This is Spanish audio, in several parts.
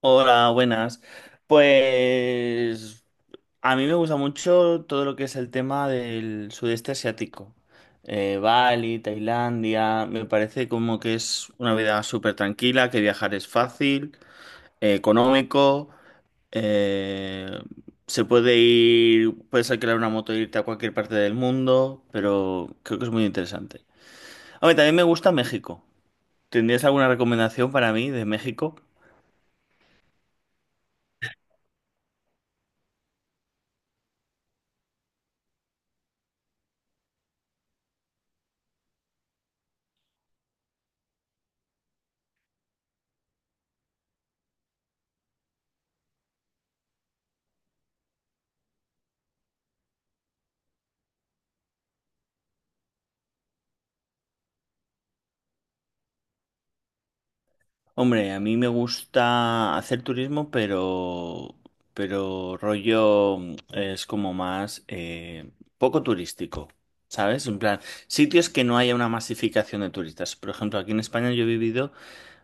Hola, buenas. Pues a mí me gusta mucho todo lo que es el tema del sudeste asiático. Bali, Tailandia, me parece como que es una vida súper tranquila, que viajar es fácil, económico, eh, se puede ir, puedes alquilar una moto e irte a cualquier parte del mundo, pero creo que es muy interesante. A ver, también me gusta México. ¿Tendrías alguna recomendación para mí de México? Hombre, a mí me gusta hacer turismo, pero rollo es como más poco turístico, ¿sabes? En plan, sitios que no haya una masificación de turistas. Por ejemplo, aquí en España yo he vivido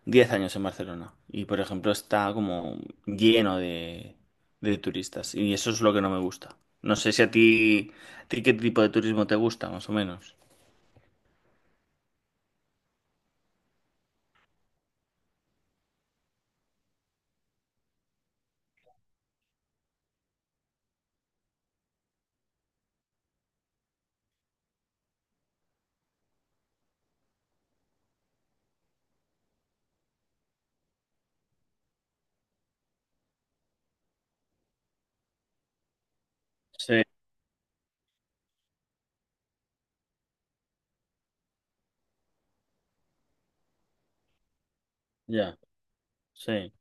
10 años en Barcelona y, por ejemplo, está como lleno de turistas y eso es lo que no me gusta. No sé si a ti, a ti qué tipo de turismo te gusta, más o menos. Sí, ya, sí.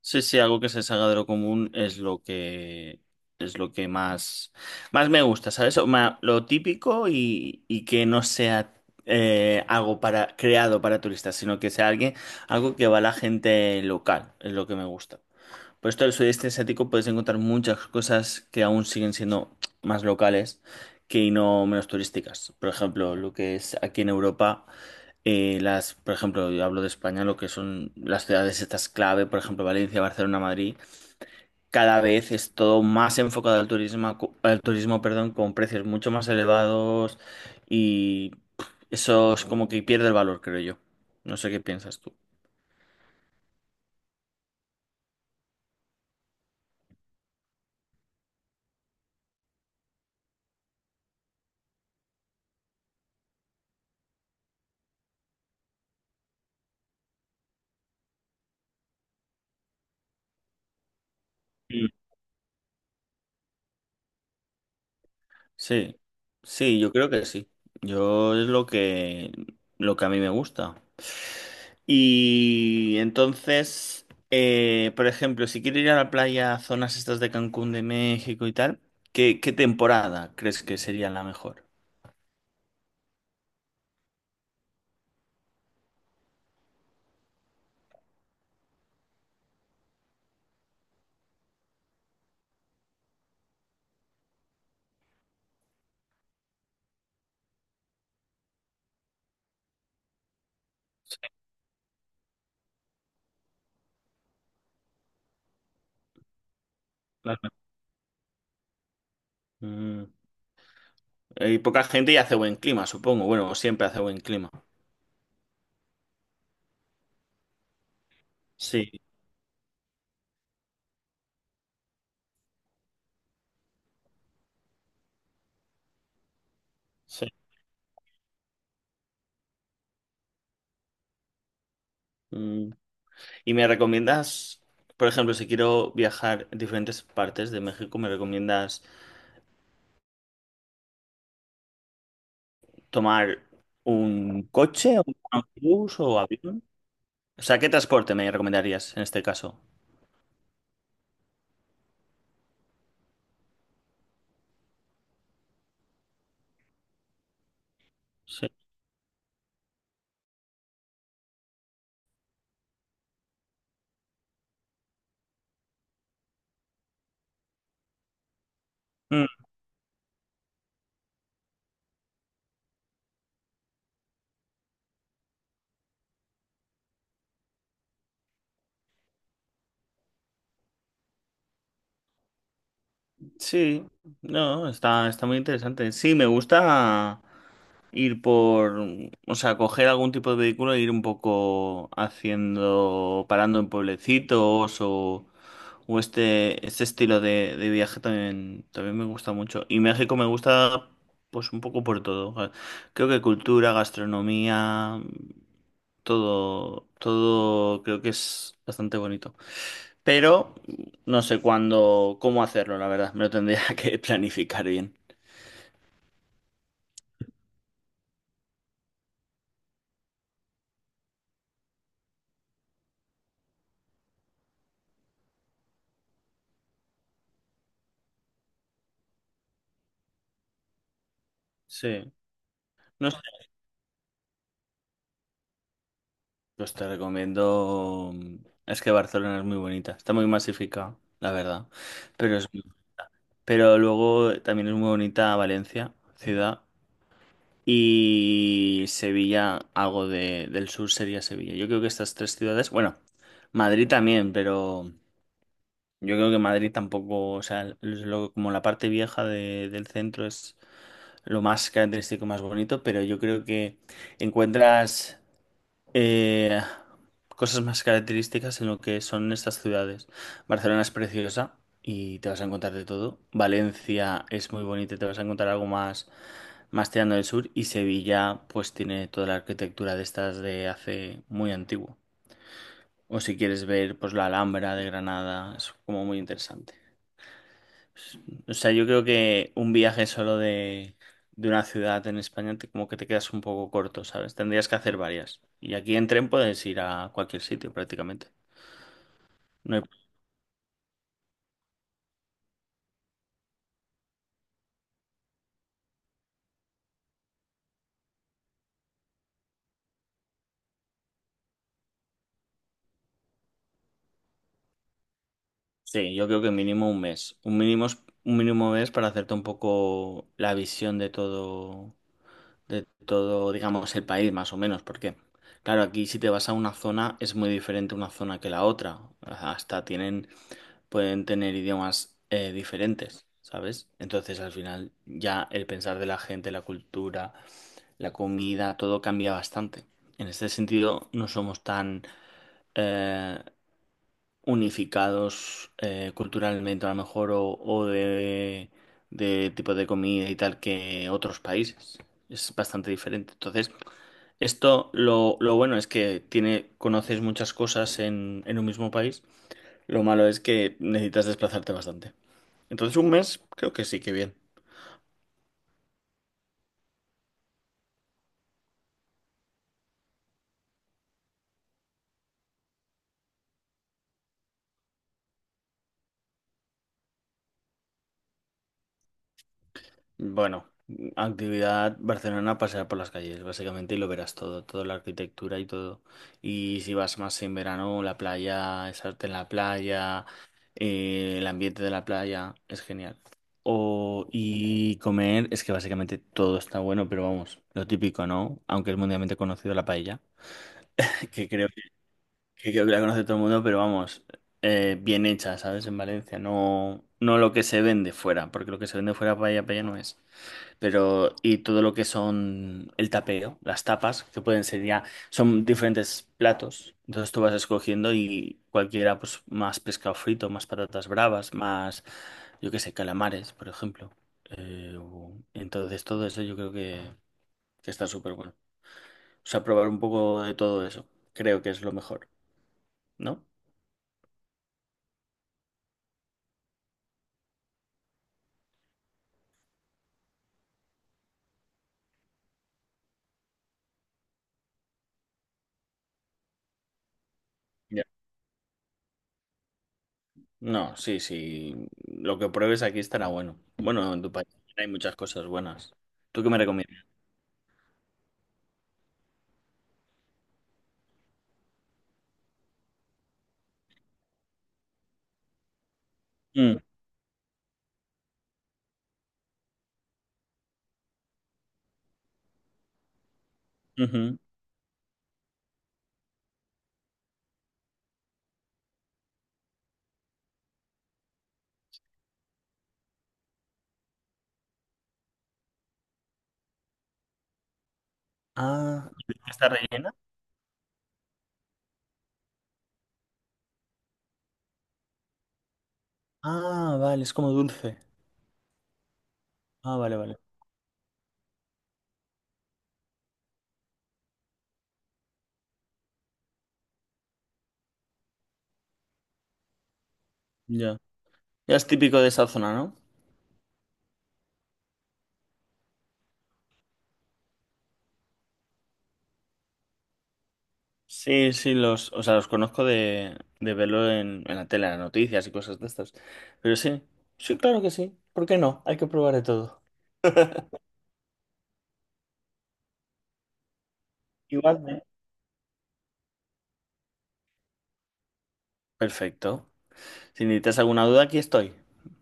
Sí, sí, algo que se salga de lo común es lo que es lo que más, más me gusta, ¿sabes? O ma- Lo típico y que no sea algo para, creado para turistas, sino que sea alguien, algo que va a la gente local, es lo que me gusta. Por esto del sudeste asiático puedes encontrar muchas cosas que aún siguen siendo más locales que no menos turísticas. Por ejemplo, lo que es aquí en Europa. Las, por ejemplo, yo hablo de España, lo que son las ciudades estas clave, por ejemplo, Valencia, Barcelona, Madrid, cada vez es todo más enfocado al turismo, co- al turismo, perdón, con precios mucho más elevados y pff, eso es como que pierde el valor, creo yo. No sé qué piensas tú. Sí, sí, yo creo que sí. Yo es lo que a mí me gusta. Y entonces, por ejemplo, si quiero ir a la playa, a zonas estas de Cancún, de México y tal, ¿qué, qué temporada crees que sería la mejor? Las me- Mm, hay poca gente y hace buen clima, supongo. Bueno, siempre hace buen clima. Sí, sí. Mm, ¿y me recomiendas, por ejemplo, si quiero viajar a diferentes partes de México, me recomiendas tomar un coche, un autobús o avión? O sea, ¿qué transporte me recomendarías en este caso? Sí. Mm, sí, no, está, está muy interesante. Sí, me gusta ir por, o sea, coger algún tipo de vehículo e ir un poco haciendo, parando en pueblecitos o este estilo de viaje también, también me gusta mucho. Y México me gusta, pues, un poco por todo. Creo que cultura, gastronomía. Todo, todo creo que es bastante bonito. Pero no sé cuándo, cómo hacerlo, la verdad. Me lo tendría que planificar bien. Sí. No sé. Pues te recomiendo. Es que Barcelona es muy bonita. Está muy masificada, la verdad. Pero es... pero luego también es muy bonita Valencia, ciudad. Y Sevilla, algo de- del sur sería Sevilla. Yo creo que estas tres ciudades. Bueno, Madrid también, pero. Yo creo que Madrid tampoco, o sea, es lo- como la parte vieja de- del centro es lo más característico, más bonito, pero yo creo que encuentras eh, cosas más características en lo que son estas ciudades. Barcelona es preciosa y te vas a encontrar de todo. Valencia es muy bonita y te vas a encontrar algo más, más tirando del sur. Y Sevilla, pues tiene toda la arquitectura de estas de hace muy antiguo. O si quieres ver, pues la Alhambra de Granada, es como muy interesante. O sea, yo creo que un viaje solo de una ciudad en España te- como que te quedas un poco corto, ¿sabes? Tendrías que hacer varias. Y aquí en tren puedes ir a cualquier sitio prácticamente. No hay- Sí, yo creo que mínimo un mes. Un mínimo, es- un mínimo mes para hacerte un poco la visión de todo, digamos, el país, más o menos, porque, claro, aquí si te vas a una zona es muy diferente una zona que la otra. Hasta tienen, pueden tener idiomas diferentes, ¿sabes? Entonces, al final, ya el pensar de la gente, la cultura, la comida, todo cambia bastante. En este sentido, no somos tan, eh, unificados culturalmente a lo mejor o de tipo de comida y tal que otros países. Es bastante diferente. Entonces, esto lo bueno es que tiene, conoces muchas cosas en un mismo país. Lo malo es que necesitas desplazarte bastante. Entonces, un mes creo que sí que bien. Bueno, actividad Barcelona, pasear por las calles, básicamente, y lo verás todo, toda la arquitectura y todo. Y si vas más en verano, la playa, es arte en la playa, el ambiente de la playa, es genial. O, y comer, es que básicamente todo está bueno, pero vamos, lo típico, ¿no? Aunque es mundialmente conocido la paella, que creo que, creo que la conoce todo el mundo, pero vamos, bien hecha, ¿sabes? En Valencia, no, no lo que se vende fuera, porque lo que se vende fuera paella, paella no es. Pero, y todo lo que son el tapeo, las tapas, que pueden ser ya, son diferentes platos. Entonces tú vas escogiendo y cualquiera, pues más pescado frito, más patatas bravas, más, yo qué sé, calamares, por ejemplo. O- entonces todo eso yo creo que está súper bueno. O sea, probar un poco de todo eso, creo que es lo mejor, ¿no? Ya. No, sí, sí, lo que pruebes aquí estará bueno. Bueno, en tu país hay muchas cosas buenas. ¿Tú qué me recomiendas? Mm, ujú. Ah, ¿está rellena? Ah, vale, es como dulce. Ah, vale, vale. Ya. Ya es típico de esa zona, ¿no? Sí, sí, los, o sea, los conozco de verlo en la tele, en las noticias y cosas de estas. Pero sí, sí, claro que sí. ¿Por qué no? Hay que probar de todo. Igual, ¿eh? Perfecto. Si necesitas alguna duda, aquí estoy.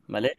¿Vale?